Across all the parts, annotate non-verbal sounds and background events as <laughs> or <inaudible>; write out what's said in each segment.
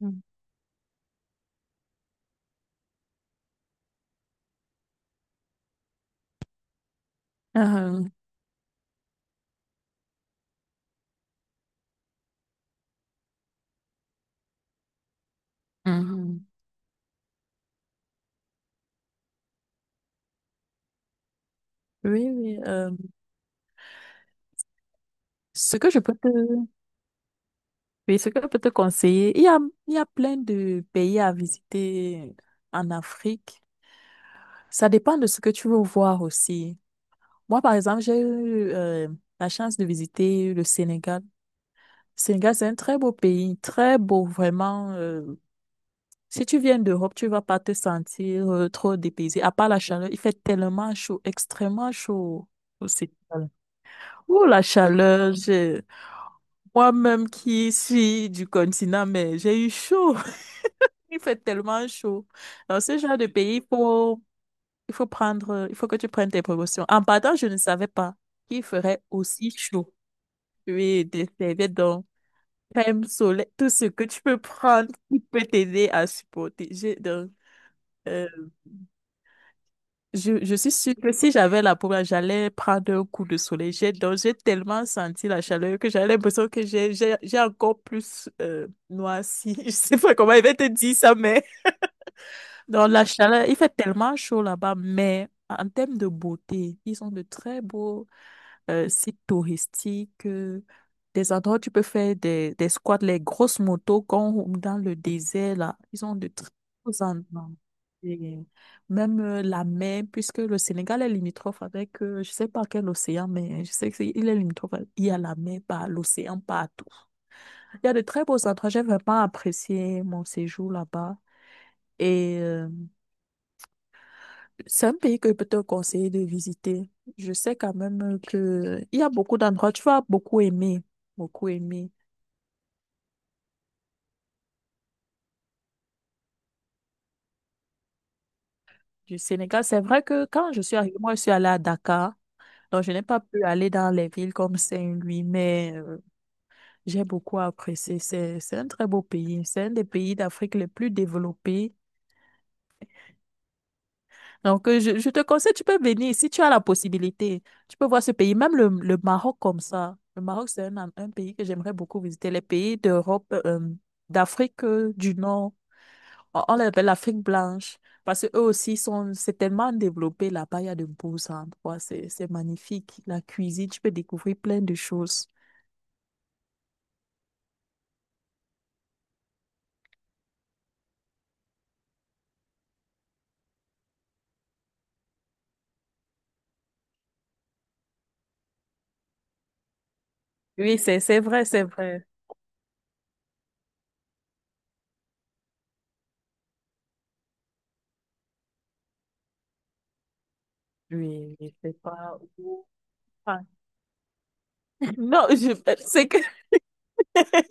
Mm. Euh, mhm. Oui, oui. Ce que je peux oui, ce que je peux te conseiller, il y a plein de pays à visiter en Afrique. Ça dépend de ce que tu veux voir aussi. Moi, par exemple, j'ai eu la chance de visiter le Sénégal. Le Sénégal, c'est un très beau pays, très beau, vraiment. Si tu viens d'Europe, tu vas pas te sentir trop dépaysé. À part la chaleur, il fait tellement chaud, extrêmement chaud au Sénégal. Oh, la chaleur, moi-même qui suis du continent, mais j'ai eu chaud. <laughs> Il fait tellement chaud. Dans ce genre de pays, il faut prendre, il faut que tu prennes tes précautions. En partant, je ne savais pas qu'il ferait aussi chaud. Oui, des serviettes, donc, crème soleil, tout ce que tu peux prendre qui peut t'aider à supporter. Donc, euh, je suis sûre que si j'avais la peau, là, j'allais prendre un coup de soleil. J'ai donc j'ai tellement senti la chaleur que j'avais l'impression que j'ai encore plus noirci. <laughs> Je sais pas comment il va te dire ça, mais dans la chaleur, il fait tellement chaud là-bas, mais en termes de beauté, ils ont de très beaux sites touristiques, des endroits où tu peux faire des squats, les grosses motos qu'on roule dans le désert là. Ils ont de très beaux endroits. Et même la mer, puisque le Sénégal est limitrophe avec, je sais pas quel océan, mais je sais qu'il est limitrophe. Il y a la mer, par l'océan partout. Il y a de très beaux endroits. J'ai vraiment apprécié mon séjour là-bas. Et c'est un pays que je peux te conseiller de visiter. Je sais quand même que il y a beaucoup d'endroits, tu vas beaucoup aimer du Sénégal. C'est vrai que quand je suis arrivée, moi, je suis allée à Dakar, donc je n'ai pas pu aller dans les villes comme Saint-Louis, mais j'ai beaucoup apprécié. C'est un très beau pays. C'est un des pays d'Afrique les plus développés. Donc, je te conseille, tu peux venir si tu as la possibilité. Tu peux voir ce pays, même le Maroc comme ça. Le Maroc, c'est un pays que j'aimerais beaucoup visiter. Les pays d'Europe, d'Afrique du Nord, on les appelle l'Afrique blanche, parce que eux aussi sont, c'est tellement développé là-bas, il y a de beaux endroits, c'est magnifique. La cuisine, tu peux découvrir plein de choses. Oui, c'est vrai, c'est vrai. Oui, je sais pas où. Ah, <laughs> non, je, c'est que <laughs>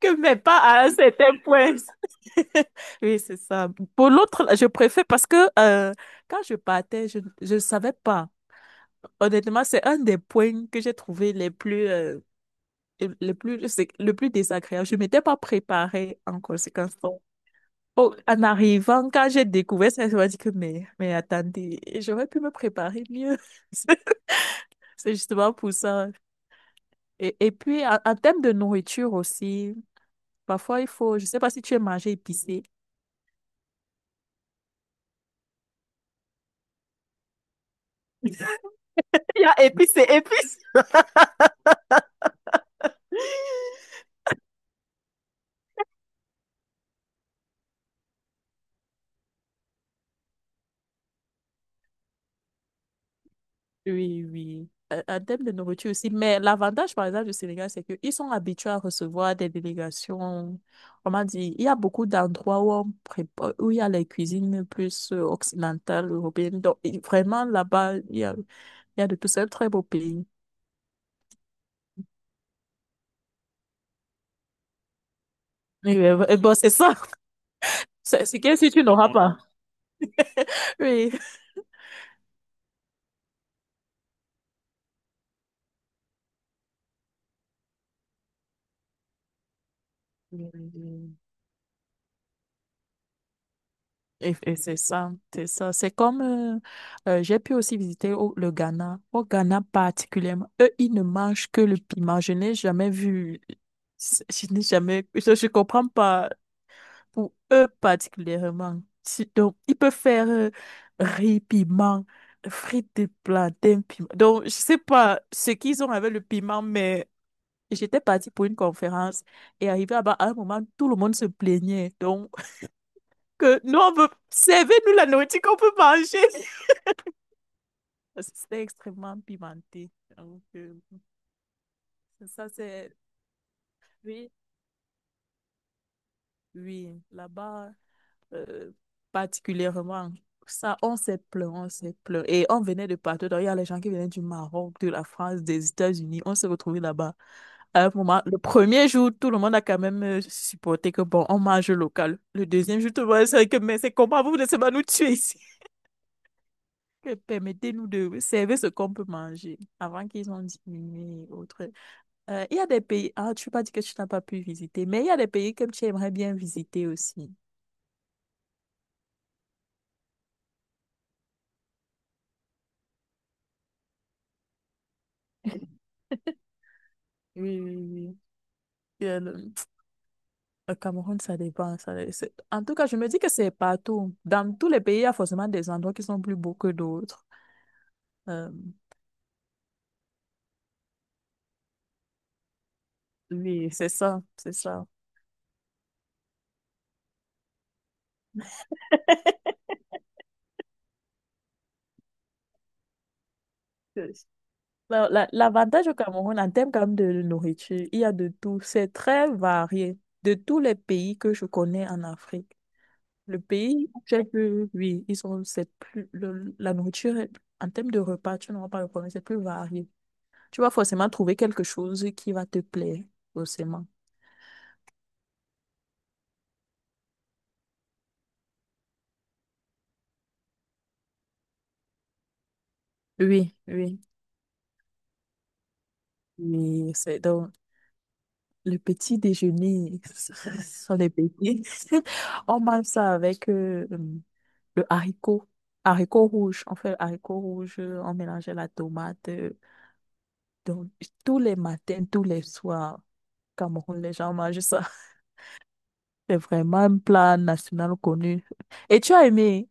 que mais pas à un certain point. <laughs> Oui, c'est ça. Pour l'autre, là, je préfère parce que quand je partais, je ne savais pas. Honnêtement, c'est un des points que j'ai trouvé les plus, c'est le plus désagréable. Je ne m'étais pas préparée en conséquence. Donc, en arrivant, quand j'ai découvert ça, je me suis dit que mais attendez, j'aurais pu me préparer mieux. <laughs> C'est justement pour ça. Et puis, en termes de nourriture aussi, parfois il faut, je ne sais pas si tu aimes manger épicé. Il y a épices et épices. Oui, oui. En termes de nourriture aussi. Mais l'avantage, par exemple, du Sénégal, c'est qu'ils sont habitués à recevoir des délégations. Comment dire? Il y a beaucoup d'endroits où, on prépa- où il y a les cuisines plus occidentales, européennes. Donc, vraiment, là-bas, il y a de tout. C'est un très beau pays. Oui, oui, oui. Bon, c'est ça. <laughs> C'est que si tu n'auras pas. Oui. Oui, oui. Et c'est ça, c'est ça. C'est comme, j'ai pu aussi visiter le Ghana. Au Ghana particulièrement, eux, ils ne mangent que le piment. Je n'ai jamais vu, je n'ai jamais, je comprends pas pour eux particulièrement. Si- Donc, ils peuvent faire riz, piment, frites de plantain, piment. Donc, je sais pas ce qu'ils ont avec le piment, mais j'étais partie pour une conférence et arrivé là-bas, à un moment, tout le monde se plaignait. Donc, que nous, on veut... servir nous la nourriture qu'on peut manger. Parce que c'était extrêmement pimenté. Donc, ça, c'est... Oui, oui, là-bas, euh, particulièrement. Ça, on s'est plaint, on s'est plaint. Et on venait de partout. Donc, il y a les gens qui venaient du Maroc, de la France, des États-Unis. On s'est retrouvés là-bas. À un moment, le premier jour, tout le monde a quand même supporté que, bon, on mange local. Le deuxième jour, tout le monde a dit que, mais c'est comment vous laissez pas nous tuer ici? Que permettez-nous de servir ce qu'on peut manger avant qu'ils ont diminué et autres. Il y a des pays, ah, tu pas dit que tu n'as pas pu visiter, mais il y a des pays que tu aimerais bien visiter aussi. Oui, oui, oui. Euh, Le le Cameroun, ça dépend. En tout cas, je me dis que c'est partout. Dans tous les pays, il y a forcément des endroits qui sont plus beaux que d'autres. Euh, oui, c'est ça, c'est ça. <laughs> L'avantage au Cameroun, en termes quand même de nourriture, il y a de tout. C'est très varié. De tous les pays que je connais en Afrique, le pays où j'ai pu- oui, ils sont, c'est plus, la nourriture, en termes de repas, tu n'auras pas le problème, c'est plus varié. Tu vas forcément trouver quelque chose qui va te plaire, forcément. Oui, oui. Mais c'est donc le petit déjeuner, <laughs> ce sont les petits. <laughs> On mange ça avec le haricot. Haricot rouge. On fait le haricot rouge, on mélangeait la tomate. Donc, tous les matins, tous les soirs, au Cameroun, les gens mangent ça. <laughs> C'est vraiment un plat national connu. Et tu as aimé?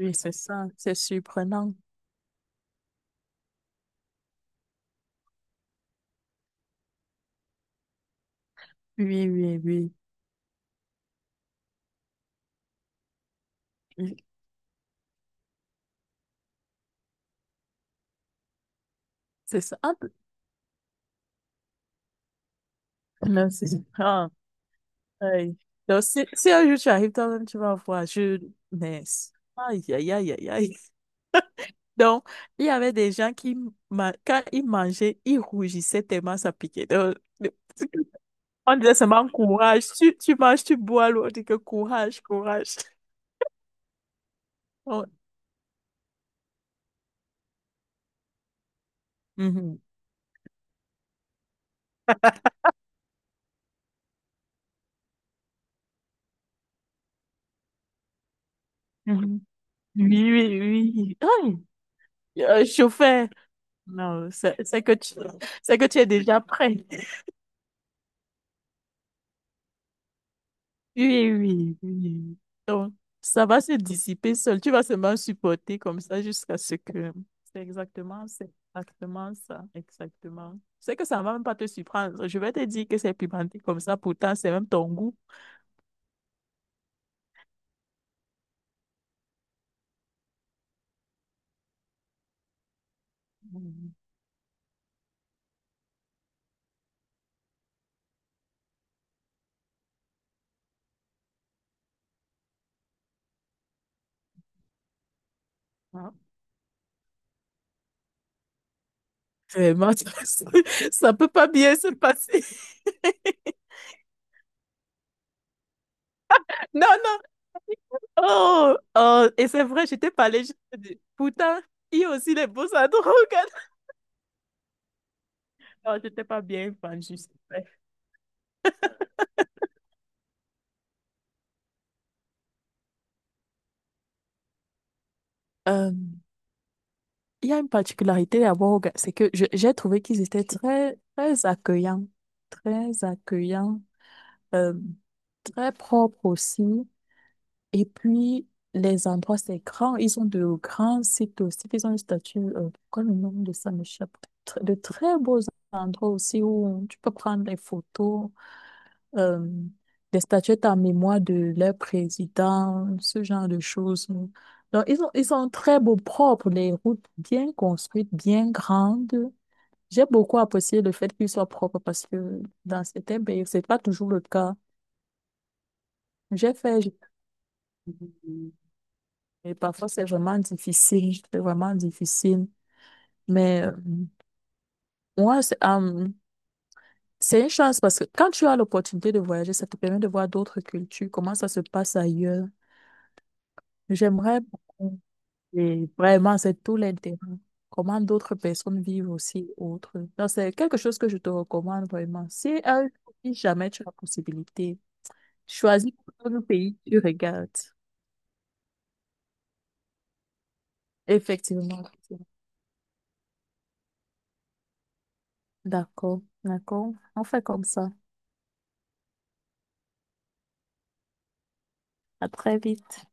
Oui, c'est ça. C'est surprenant. Oui, oui, oui. Oui, c'est ça. Non, c'est ah, aïe. Donc, si, si un jour tu arrives toi-même, tu vas voir. Je... Mais... Aïe, aïe, aïe, aïe, aïe. Donc, il y avait des gens qui, quand ils mangeaient, ils rougissaient tellement ça piquait. Donc, le- <laughs> on disait seulement courage. Tu manges, tu bois l'eau. On dit que courage, courage. <laughs> Donc, mhm, mhm. Oui, oui, oui. Aïe, chauffeur. Non, c'est que tu es déjà prêt. Oui, oui, oui. Donc, ça va se dissiper seul. Tu vas seulement supporter comme ça jusqu'à ce que... c'est exactement ça, exactement. C'est que ça ne va même pas te surprendre. Je vais te dire que c'est pimenté comme ça, pourtant, c'est même ton goût. Mhm. Ah, vraiment, <laughs> ça ne peut pas bien se passer. <laughs> Non, non. Oh, oh, et c'est vrai, je t'ai parlé. Je t'ai dit, pourtant, il y a aussi les beaux endroits. <laughs> Non, je t'ai pas bien vendu, c'est vrai. Il y a une particularité d'abord, c'est que j'ai trouvé qu'ils étaient très, très accueillants, très accueillants, euh, très propres aussi. Et puis, les endroits, c'est grand. Ils ont de grands sites aussi. Ils ont une statue, pourquoi le nom de ça m'échappe? De très beaux endroits aussi où tu peux prendre des photos euh, des statuettes en mémoire de leur président, ce genre de choses. Donc, ils ont, ils sont très beaux, propres, les routes bien construites, bien grandes. J'ai beaucoup apprécié le fait qu'ils soient propres parce que dans certains pays, c'est pas toujours le cas. J'ai fait, et parfois c'est vraiment difficile, c'est vraiment difficile. Mais moi, c'est une chance parce que quand tu as l'opportunité de voyager, ça te permet de voir d'autres cultures, comment ça se passe ailleurs. J'aimerais beaucoup. Et vraiment, c'est tout l'intérêt. Comment d'autres personnes vivent aussi autre. Donc, c'est quelque chose que je te recommande vraiment. Si un jour, si jamais tu as la possibilité, choisis un pays, que tu regardes. Effectivement. D'accord, d'accord. On fait comme ça. À très vite.